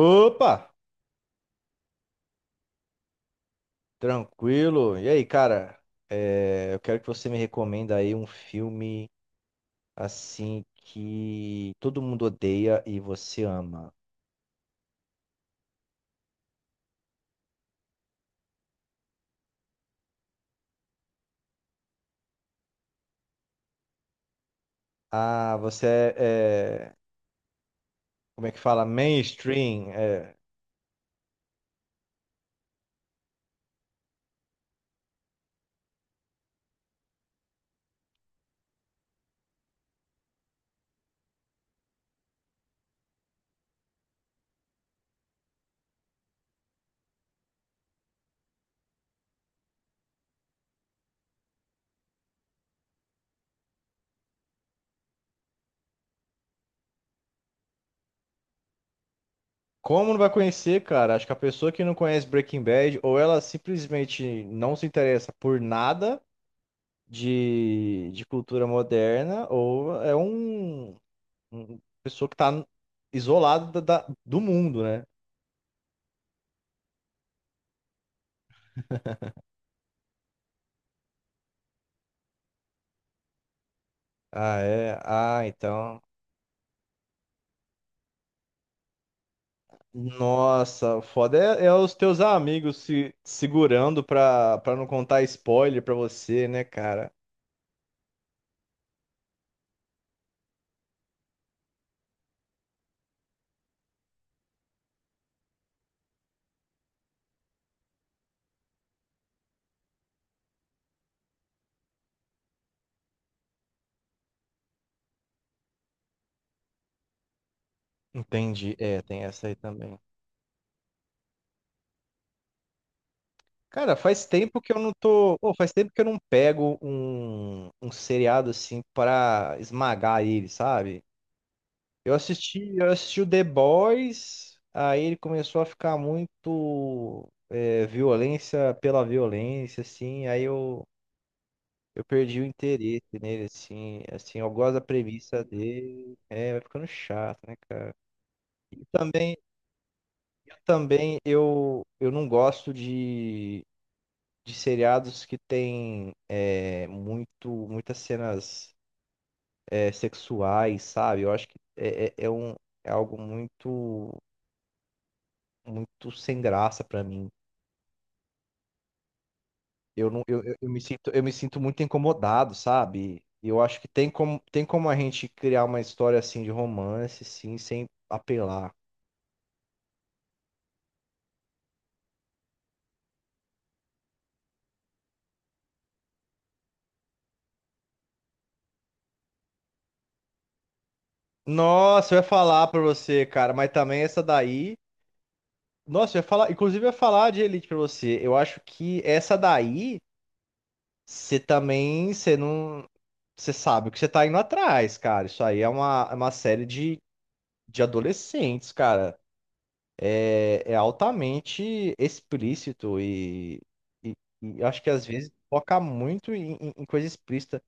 Opa, tranquilo. E aí, cara? É, eu quero que você me recomenda aí um filme assim que todo mundo odeia e você ama. Ah, você é, como é que fala? Mainstream. É. Como não vai conhecer, cara? Acho que a pessoa que não conhece Breaking Bad, ou ela simplesmente não se interessa por nada de cultura moderna, ou é um pessoa que tá isolada do mundo, né? Ah, é? Ah, então. Nossa, o foda é os teus amigos se segurando pra não contar spoiler pra você, né, cara? Entendi. É, tem essa aí também. Cara, faz tempo que eu não tô. Pô, faz tempo que eu não pego um seriado assim pra esmagar ele, sabe? Eu assisti o The Boys, aí ele começou a ficar muito violência pela violência, assim. Aí eu. Eu perdi o interesse nele, assim, eu gosto da premissa dele, vai ficando chato, né, cara? E também, eu também, eu não gosto de seriados que tem muitas cenas sexuais, sabe? Eu acho que é algo muito, muito sem graça pra mim. Eu não, eu me sinto muito incomodado, sabe? E eu acho que tem como a gente criar uma história assim de romance, sim, sem apelar. Nossa, eu ia falar pra você, cara, mas também essa daí. Nossa, eu ia falar, inclusive eu ia falar de Elite pra você. Eu acho que essa daí, você também, você não, você sabe o que você tá indo atrás, cara. Isso aí é uma série de adolescentes, cara. É altamente explícito e- e acho que às vezes foca muito em coisa explícita.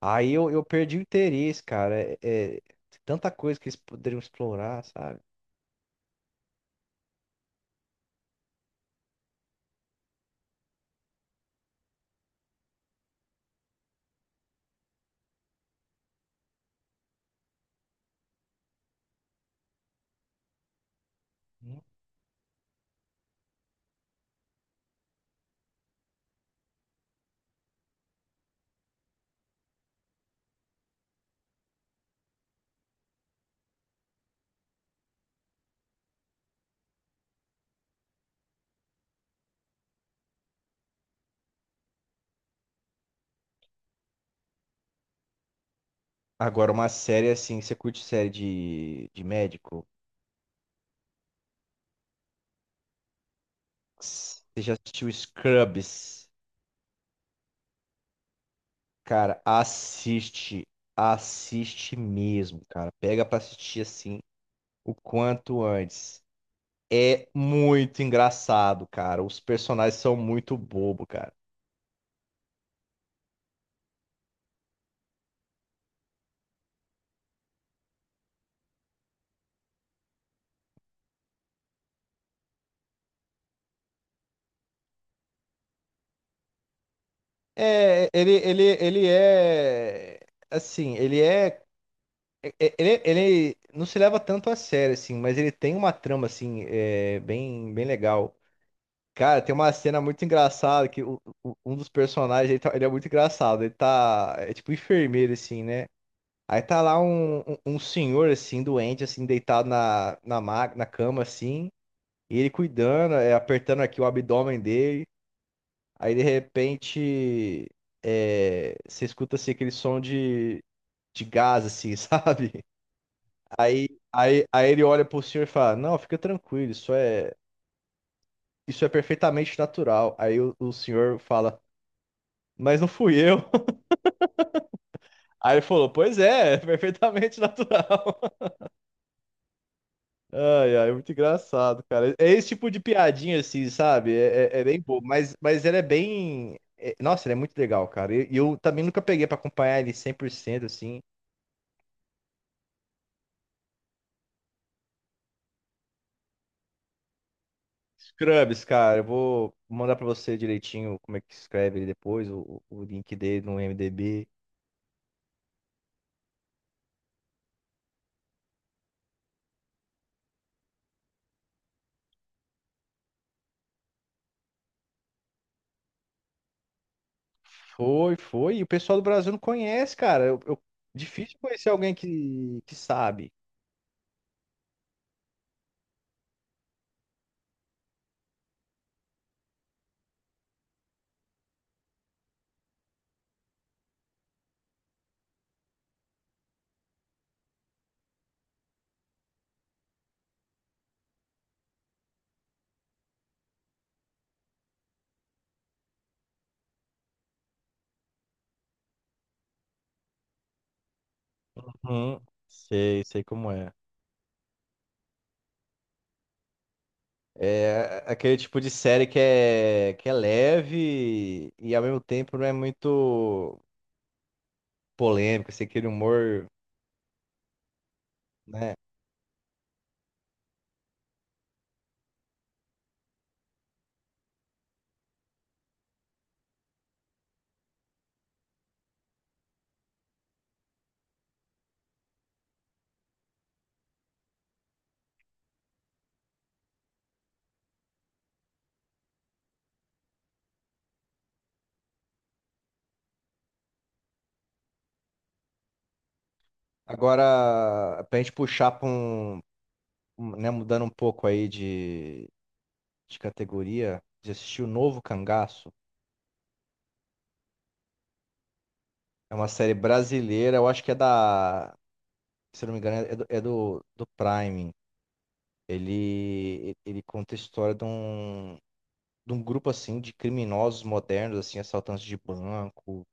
Aí eu perdi o interesse, cara. É tanta coisa que eles poderiam explorar, sabe? Agora, uma série assim, você curte série de médico? Você já assistiu Scrubs? Cara, assiste. Assiste mesmo, cara. Pega pra assistir assim o quanto antes. É muito engraçado, cara. Os personagens são muito bobo, cara. É, ele é assim, ele é, é- é, ele não se leva tanto a sério assim, mas ele tem uma trama assim, bem, bem legal. Cara, tem uma cena muito engraçada que um dos personagens, ele é muito engraçado, ele tá, é tipo enfermeiro assim, né? Aí tá lá um senhor assim, doente assim, deitado na cama assim. E ele cuidando, apertando aqui o abdômen dele. Aí de repente você escuta assim, aquele som de gás, assim, sabe? Aí, aí, ele olha pro senhor e fala: Não, fica tranquilo, isso é perfeitamente natural. Aí o senhor fala: Mas não fui eu. Aí ele falou: Pois é, perfeitamente natural. Ai, ai, é muito engraçado, cara. É esse tipo de piadinha, assim, sabe? É bem bobo, mas ele é bem. Nossa, ele é muito legal, cara. E eu, também nunca peguei pra acompanhar ele 100%, assim. Scrubs, cara, eu vou mandar pra você direitinho como é que escreve ele depois, o link dele no IMDb. Foi, foi. E o pessoal do Brasil não conhece, cara. Difícil conhecer alguém que sabe. Uhum. Sei, sei como é. É aquele tipo de série que é leve e ao mesmo tempo não é muito polêmico, assim, aquele humor, né? Agora, pra gente puxar pra um, né, mudando um pouco aí de categoria, de assistir o Novo Cangaço. É uma série brasileira, eu acho que se eu não me engano, é do Prime. Ele conta a história de um, grupo, assim, de criminosos modernos, assim, assaltantes de banco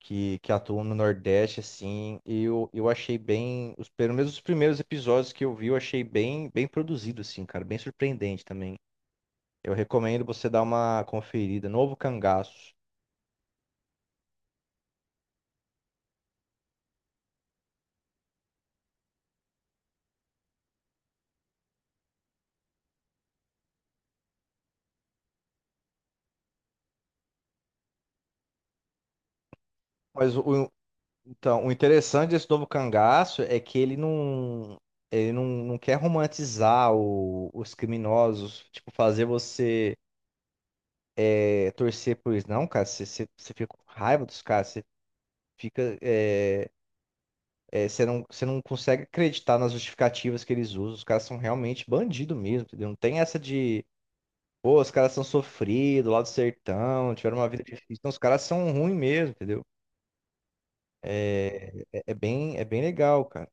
que atuam no Nordeste, assim, e eu achei bem, pelo menos os primeiros episódios que eu vi, eu achei bem produzido, assim, cara, bem surpreendente também. Eu recomendo você dar uma conferida, Novo Cangaço. Mas o, então, o interessante desse Novo Cangaço é que ele não quer romantizar os criminosos, tipo, fazer você torcer por eles. Não, cara, você fica com raiva dos caras, você fica. É, você não consegue acreditar nas justificativas que eles usam. Os caras são realmente bandido mesmo, entendeu? Não tem essa de, pô, os caras são sofridos lá do sertão, tiveram uma vida difícil. Não, os caras são ruins mesmo, entendeu? É bem legal, cara.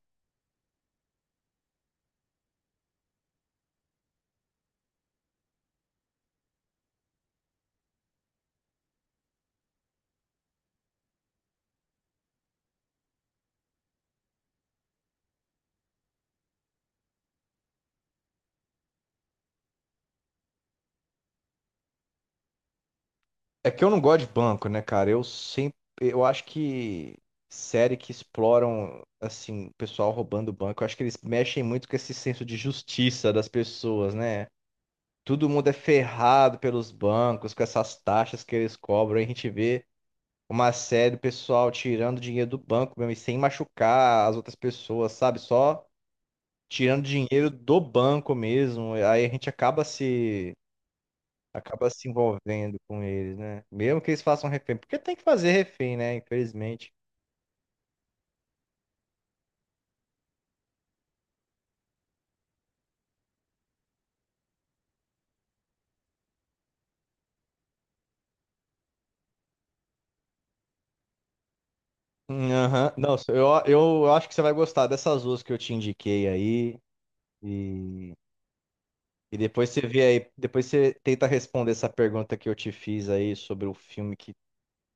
É que eu não gosto de banco, né, cara? Eu acho que série que exploram, assim, o pessoal roubando banco, eu acho que eles mexem muito com esse senso de justiça das pessoas, né? Todo mundo é ferrado pelos bancos com essas taxas que eles cobram. Aí a gente vê uma série do pessoal tirando dinheiro do banco mesmo e sem machucar as outras pessoas, sabe? Só tirando dinheiro do banco mesmo. Aí a gente acaba se envolvendo com eles, né? Mesmo que eles façam refém, porque tem que fazer refém, né? Infelizmente. Aham. Não, eu, acho que você vai gostar dessas duas que eu te indiquei aí. E E depois você vê aí, depois você tenta responder essa pergunta que eu te fiz aí sobre o filme que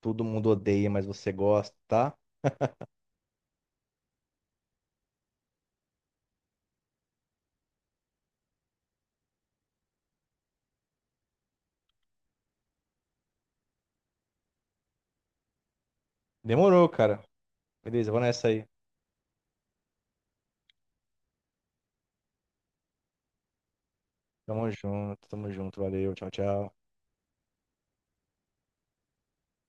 todo mundo odeia, mas você gosta, tá? Demorou, cara. Beleza, eu vou nessa aí. Tamo junto, valeu, tchau, tchau.